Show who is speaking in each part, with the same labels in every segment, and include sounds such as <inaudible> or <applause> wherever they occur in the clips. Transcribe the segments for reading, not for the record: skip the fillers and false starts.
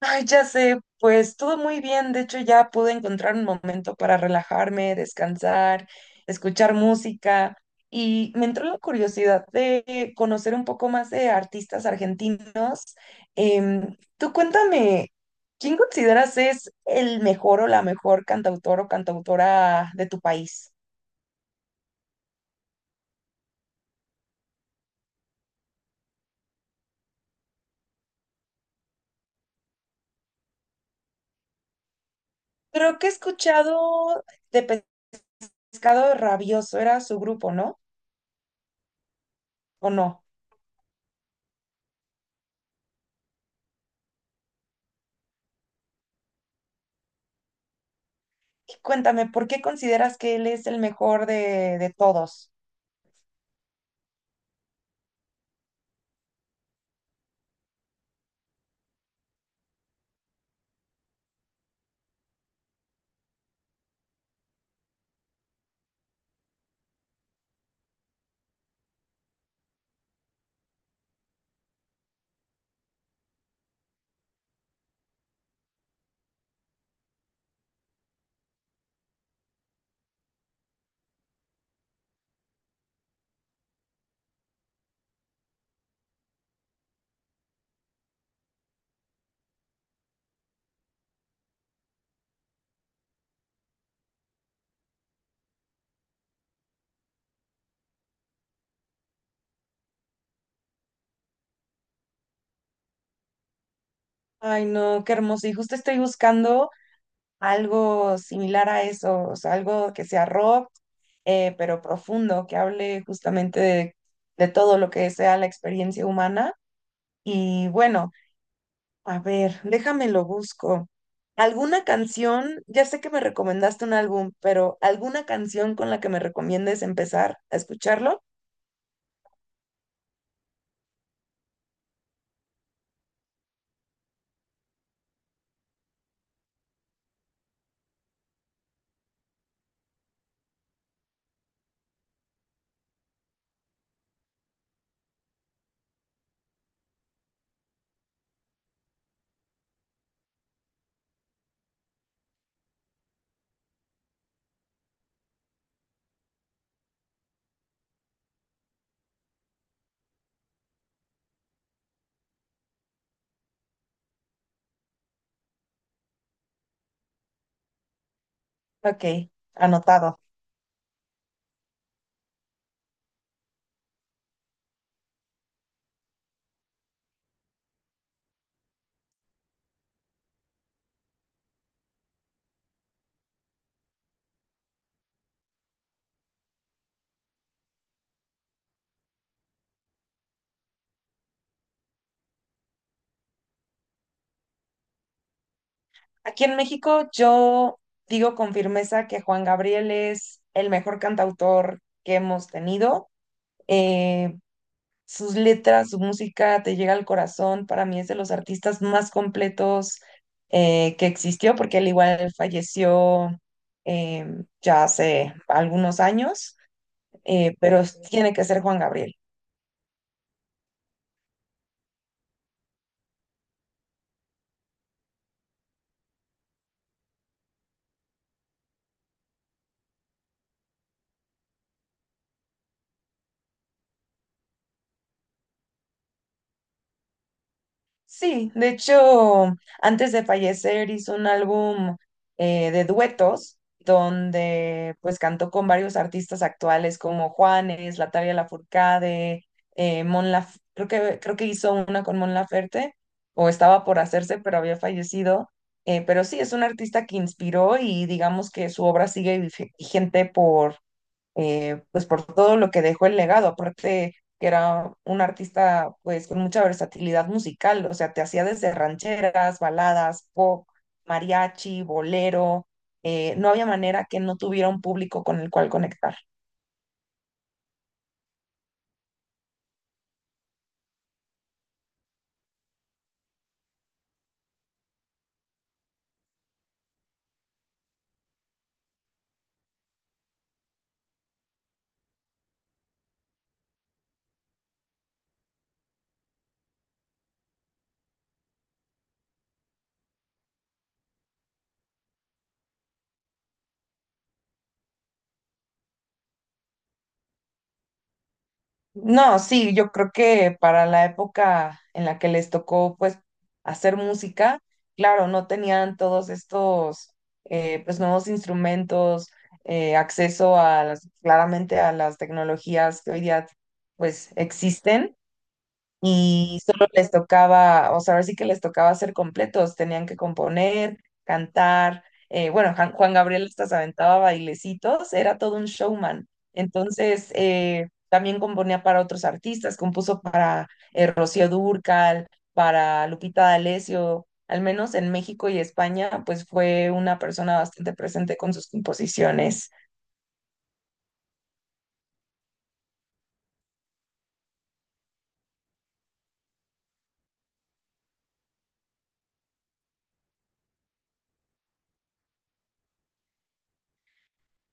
Speaker 1: Ay, ya sé, pues todo muy bien. De hecho, ya pude encontrar un momento para relajarme, descansar, escuchar música y me entró la curiosidad de conocer un poco más de artistas argentinos. Tú cuéntame, ¿quién consideras es el mejor o la mejor cantautor o cantautora de tu país? Creo que he escuchado de Pescado Rabioso, era su grupo, ¿no? ¿O no? Y cuéntame, ¿por qué consideras que él es el mejor de todos? Ay, no, qué hermoso. Y justo estoy buscando algo similar a eso, o sea, algo que sea rock, pero profundo, que hable justamente de todo lo que sea la experiencia humana. Y bueno, a ver, déjame lo busco. ¿Alguna canción? Ya sé que me recomendaste un álbum, pero ¿alguna canción con la que me recomiendes empezar a escucharlo? Ok, anotado. Aquí en México yo digo con firmeza que Juan Gabriel es el mejor cantautor que hemos tenido. Eh, Sus letras, su música te llega al corazón. Para mí es de los artistas más completos, que existió, porque él igual falleció, eh, ya hace algunos años, pero tiene que ser Juan Gabriel. Sí, de hecho, antes de fallecer hizo un álbum, de duetos donde pues cantó con varios artistas actuales como Juanes, Natalia Lafourcade, creo que hizo una con Mon Laferte o estaba por hacerse pero había fallecido. Pero sí, es un artista que inspiró y digamos que su obra sigue vigente, pues por todo lo que dejó el legado, aparte que era un artista pues con mucha versatilidad musical, o sea, te hacía desde rancheras, baladas, pop, mariachi, bolero, no había manera que no tuviera un público con el cual conectar. No, sí, yo creo que para la época en la que les tocó pues hacer música, claro, no tenían todos estos, pues nuevos instrumentos, acceso a las, claramente a las tecnologías que hoy día pues existen, y solo les tocaba, o sea, ahora sí que les tocaba ser completos, tenían que componer, cantar, bueno, Juan Gabriel hasta se aventaba bailecitos, era todo un showman. Entonces, también componía para otros artistas, compuso para Rocío Dúrcal, para Lupita D'Alessio, al menos en México y España, pues fue una persona bastante presente con sus composiciones.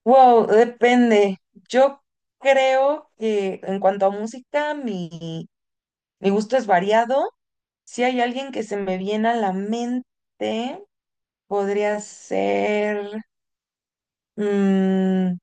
Speaker 1: Wow, depende. Yo creo que en cuanto a música, mi gusto es variado. Si hay alguien que se me viene a la mente, podría ser... mm,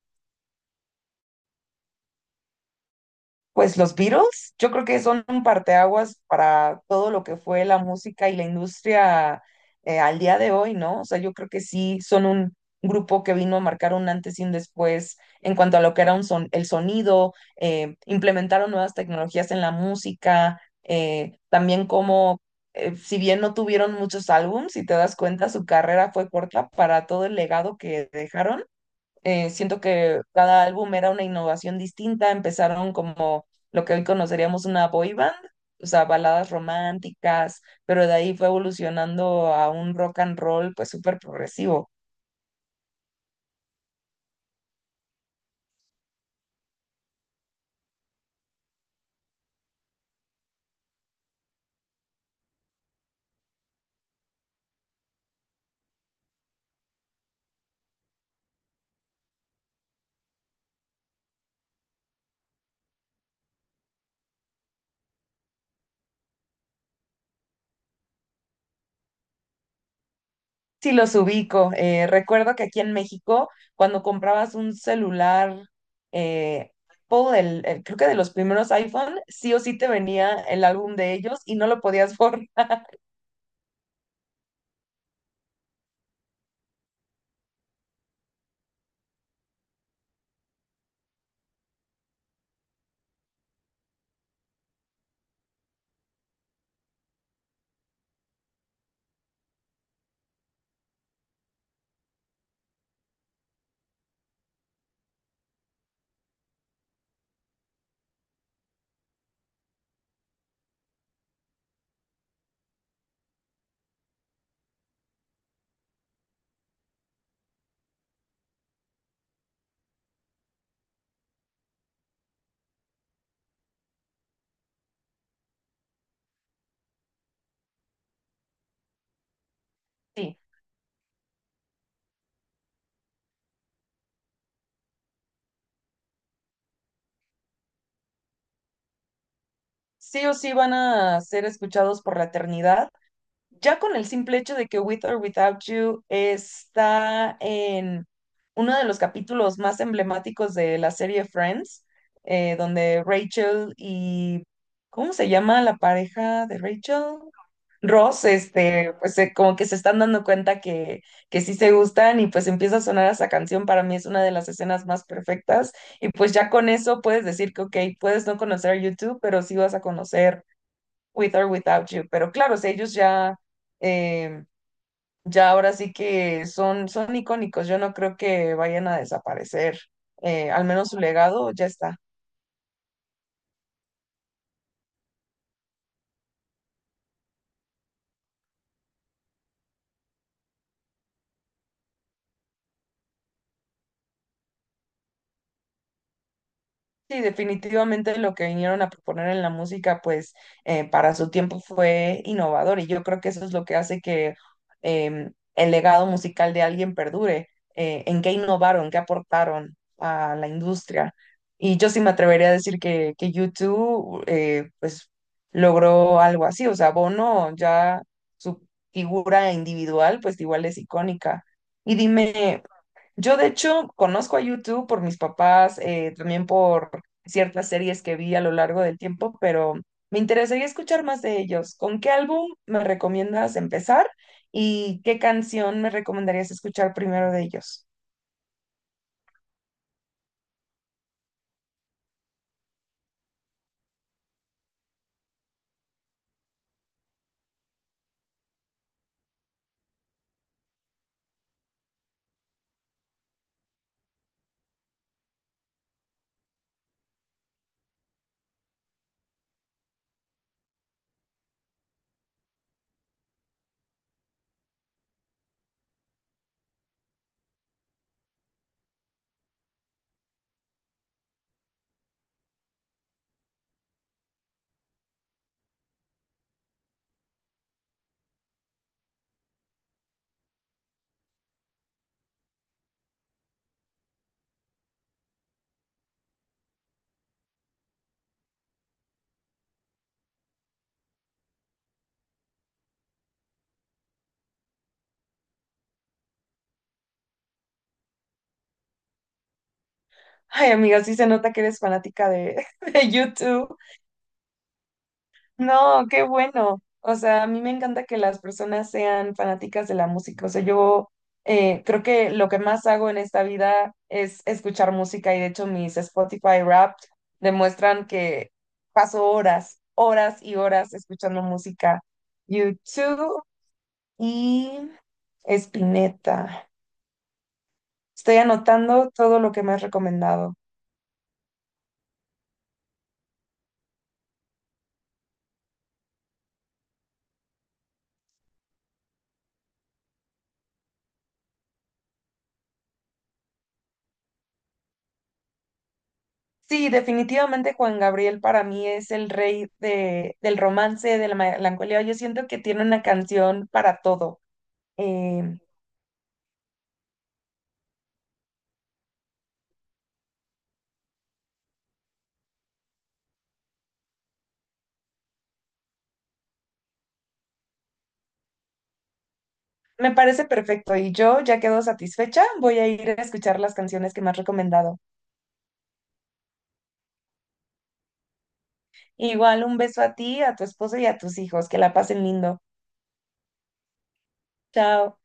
Speaker 1: pues los Beatles, yo creo que son un parteaguas para todo lo que fue la música y la industria al día de hoy, ¿no? O sea, yo creo que sí son un grupo que vino a marcar un antes y un después en cuanto a lo que era un son el sonido, implementaron nuevas tecnologías en la música, si bien no tuvieron muchos álbums, si te das cuenta, su carrera fue corta para todo el legado que dejaron, siento que cada álbum era una innovación distinta. Empezaron como lo que hoy conoceríamos una boy band, o sea, baladas románticas, pero de ahí fue evolucionando a un rock and roll pues súper progresivo. Sí, los ubico. Recuerdo que aquí en México, cuando comprabas un celular, eh, Apple, creo que de los primeros iPhone, sí o sí te venía el álbum de ellos y no lo podías <laughs> borrar. Sí, sí o sí van a ser escuchados por la eternidad. Ya con el simple hecho de que With or Without You está en uno de los capítulos más emblemáticos de la serie Friends, donde ¿cómo se llama la pareja de Rachel? Ross, este, pues como que se están dando cuenta que sí se gustan y pues empieza a sonar esa canción, para mí es una de las escenas más perfectas y pues ya con eso puedes decir que, ok, puedes no conocer a YouTube, pero sí vas a conocer With or Without You, pero claro, o sea, ellos ya, eh, ya ahora sí que son, son icónicos, yo no creo que vayan a desaparecer, al menos su legado ya está. Sí, definitivamente lo que vinieron a proponer en la música, pues para su tiempo fue innovador y yo creo que eso es lo que hace que el legado musical de alguien perdure, en qué innovaron, qué aportaron a la industria. Y yo sí me atrevería a decir que U2 pues logró algo así, o sea, Bono, ya su figura individual pues igual es icónica. Y dime, yo de hecho conozco a YouTube por mis papás, también por ciertas series que vi a lo largo del tiempo, pero me interesaría escuchar más de ellos. ¿Con qué álbum me recomiendas empezar y qué canción me recomendarías escuchar primero de ellos? Ay, amiga, sí se nota que eres fanática de, <laughs> de YouTube. No, qué bueno. O sea, a mí me encanta que las personas sean fanáticas de la música. O sea, yo, creo que lo que más hago en esta vida es escuchar música y de hecho mis Spotify Wrapped demuestran que paso horas, horas y horas escuchando música. YouTube y Spinetta. Estoy anotando todo lo que me has recomendado. Sí, definitivamente Juan Gabriel para mí es el rey de, del romance, de la melancolía. Yo siento que tiene una canción para todo. Eh, Me parece perfecto y yo ya quedo satisfecha. Voy a ir a escuchar las canciones que me has recomendado. Igual un beso a ti, a tu esposo y a tus hijos. Que la pasen lindo. Chao.